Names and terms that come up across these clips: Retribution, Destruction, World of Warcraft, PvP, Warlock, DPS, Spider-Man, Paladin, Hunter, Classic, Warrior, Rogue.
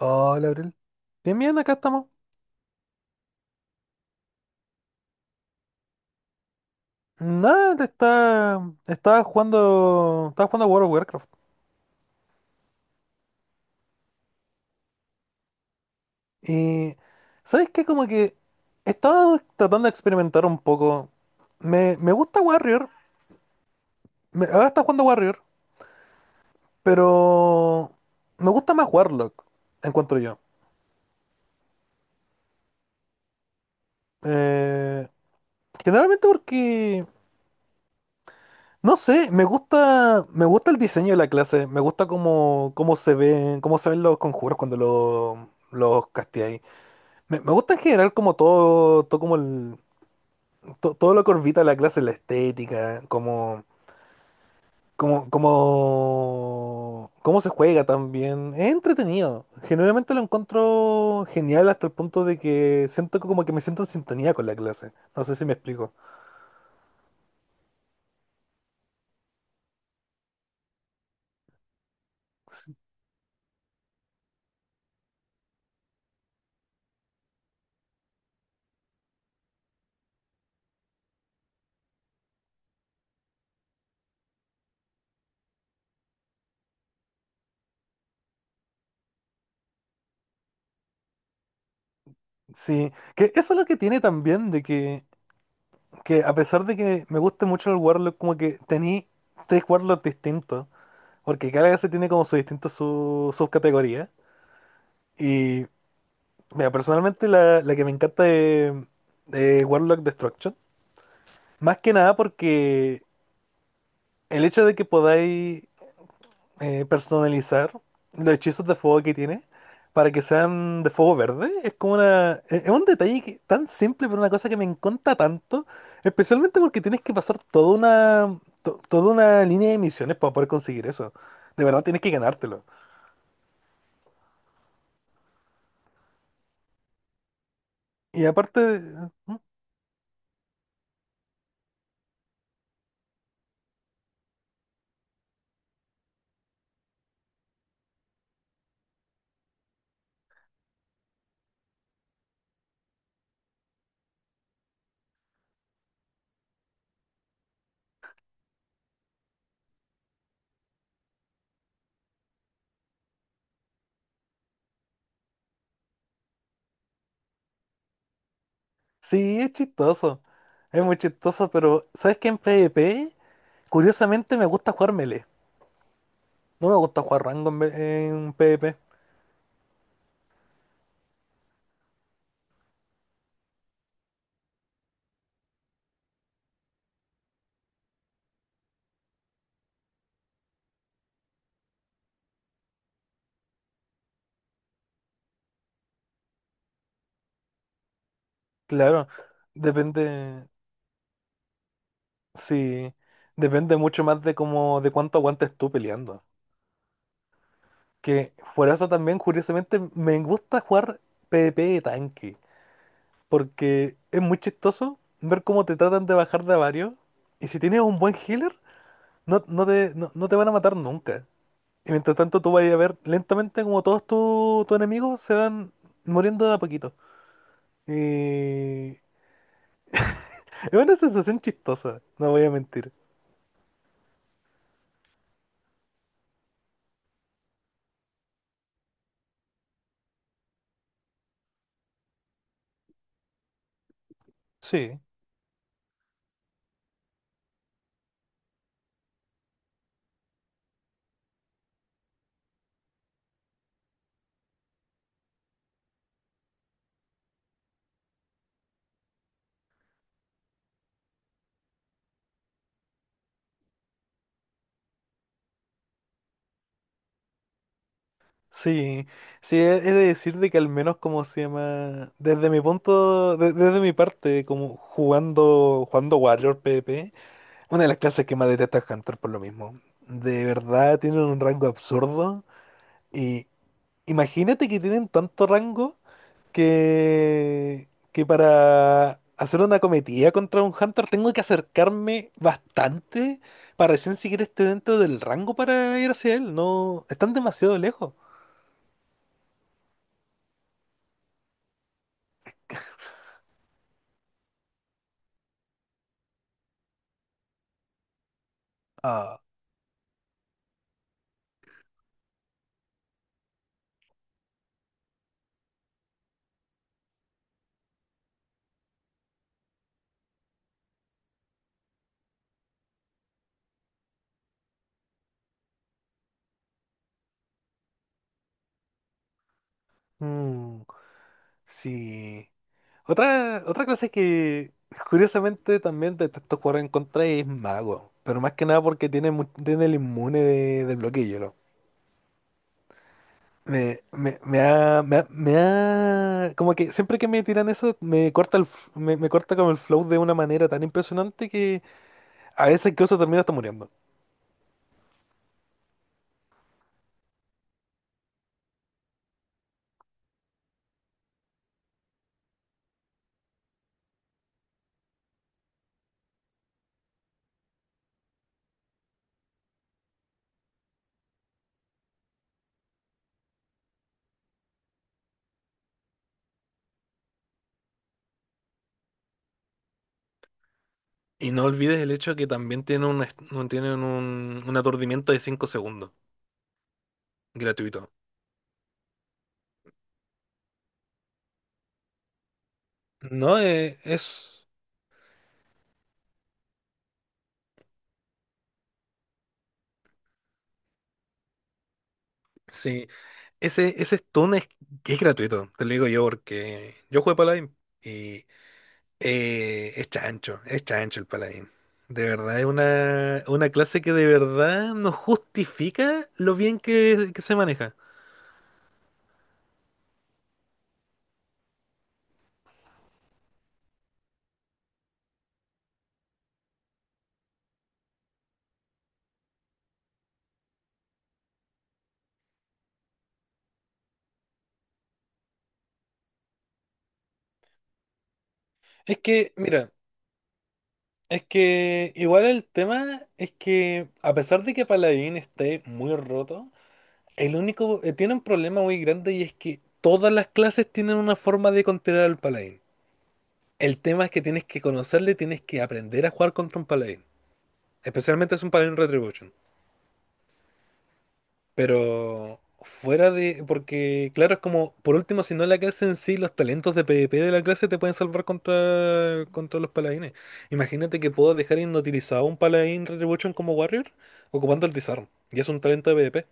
Hola, Abril. Bien, bien, acá estamos. Nada, estaba jugando a World of Warcraft. Y, ¿sabes qué? Como que estaba tratando de experimentar un poco. Me gusta Warrior, ahora está jugando Warrior, pero me gusta más Warlock, encuentro yo. Eh, Generalmente porque, no sé, me gusta el diseño de la clase, me gusta cómo se ven los conjuros cuando los casteáis. Me gusta en general como todo como todo lo que orbita la clase, la estética, cómo se juega también. Es entretenido. Generalmente lo encuentro genial hasta el punto de que siento que como que me siento en sintonía con la clase. No sé si me explico. S- Sí, que eso es lo que tiene también de que a pesar de que me guste mucho el Warlock, como que tení tres Warlocks distintos, porque cada clase tiene como su distinta su subcategoría. Mira, personalmente la que me encanta de Warlock Destruction, más que nada porque el hecho de que podáis personalizar los hechizos de fuego que tiene para que sean de fuego verde, es un detalle tan simple, pero una cosa que me encanta tanto, especialmente porque tienes que pasar toda una línea de misiones para poder conseguir eso. De verdad tienes que ganártelo. Y aparte, Sí, es chistoso. Es muy chistoso, pero ¿sabes qué? En PvP, curiosamente me gusta jugar melee. No me gusta jugar rango en PvP. Claro, depende. Sí, depende mucho más de cuánto aguantes tú peleando. Que por eso también, curiosamente, me gusta jugar PvP de tanque. Porque es muy chistoso ver cómo te tratan de bajar de a varios. Y si tienes un buen healer. No, no te van a matar nunca. Y mientras tanto tú vas a ir a ver lentamente como todos tus enemigos se van muriendo de a poquito. Y es una sensación chistosa, no voy a mentir. Sí. Sí, sí, he de decir de que al menos como se llama, desde mi parte, como jugando Warrior PvP, una de las clases que más detesta es Hunter por lo mismo. De verdad tienen un rango absurdo y imagínate que tienen tanto rango que para hacer una cometida contra un Hunter tengo que acercarme bastante para recién siquiera esté dentro del rango para ir hacia él. No, están demasiado lejos. Ah, mm, sí. Otra cosa que curiosamente también detesto jugar en contra es mago. Pero más que nada porque tiene el inmune del bloqueo. Como que siempre que me tiran eso, me corta como el flow de una manera tan impresionante que a veces incluso termino hasta muriendo. Y no olvides el hecho que también tienen un aturdimiento de 5 segundos, gratuito. No, sí, ese stun es, gratuito, te lo digo yo, porque yo jugué Paladín. Es chancho, es chancho el paladín. De verdad, es una clase que de verdad no justifica lo bien que se maneja. Mira, es que igual el tema es que a pesar de que Paladín esté muy roto, tiene un problema muy grande y es que todas las clases tienen una forma de controlar al Paladín. El tema es que tienes que conocerle, tienes que aprender a jugar contra un Paladín. Especialmente es un Paladín Retribution. Porque claro, es como, por último, si no la clase en sí, los talentos de PvP de la clase te pueden salvar contra los paladines. Imagínate que puedo dejar inutilizado un paladín Retribution como Warrior ocupando el disarm. Y es un talento de PvP.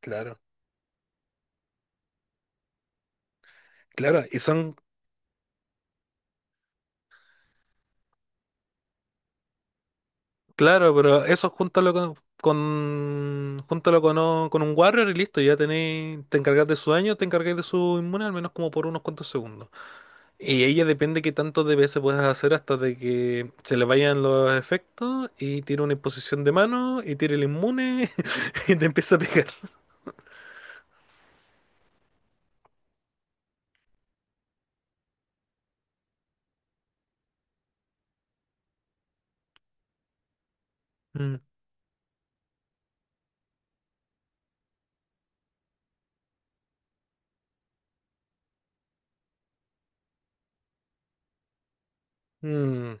Claro. Claro, pero eso júntalo con, con un Warrior y listo, te encargás de su daño, te encargáis de su inmune al menos como por unos cuantos segundos. Y ella depende qué tantos DPS puedes hacer hasta de que se le vayan los efectos y tire una imposición de mano y tire el inmune y te empieza a pegar. Mm, mm,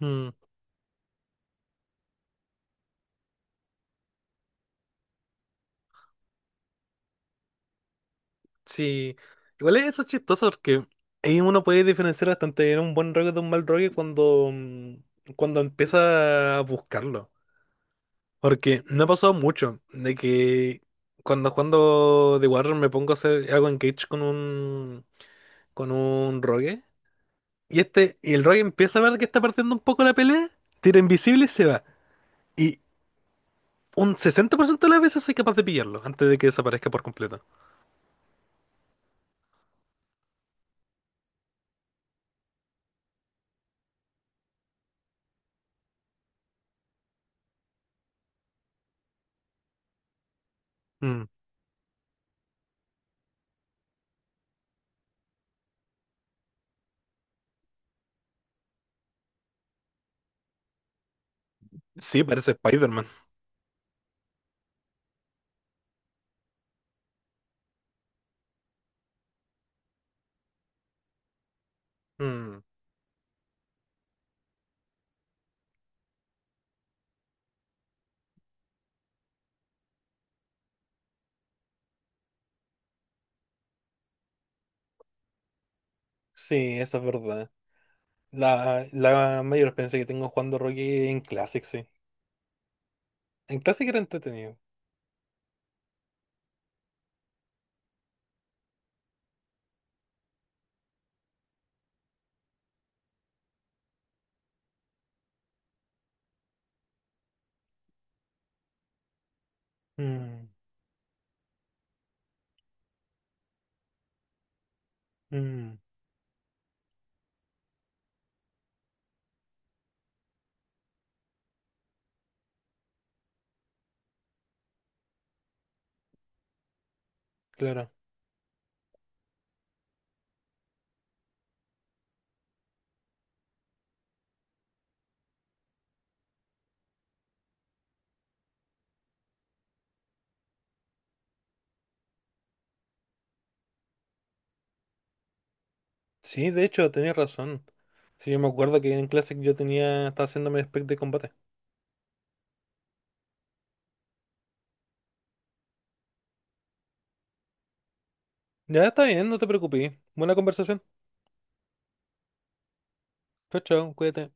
mm. Sí, igual es eso chistoso porque ahí uno puede diferenciar bastante un buen rogue de un mal rogue cuando empieza a buscarlo. Porque me ha pasado mucho de que cuando jugando The Warrior me pongo a hacer, hago engage con un rogue. Y el rogue empieza a ver que está partiendo un poco la pelea, tira invisible y se va. Y un 60% de las veces soy capaz de pillarlo antes de que desaparezca por completo. Mm, sí, parece Spider-Man. Mm, sí, eso es verdad. La mayor experiencia que tengo jugando rogue en Classic, sí. En Classic era entretenido. Mm, mm, claro. Sí, de hecho, tenías razón. Sí, yo me acuerdo que en clase estaba haciéndome spec de combate. Ya está bien, no te preocupes. Buena conversación. Chao, chao, cuídate.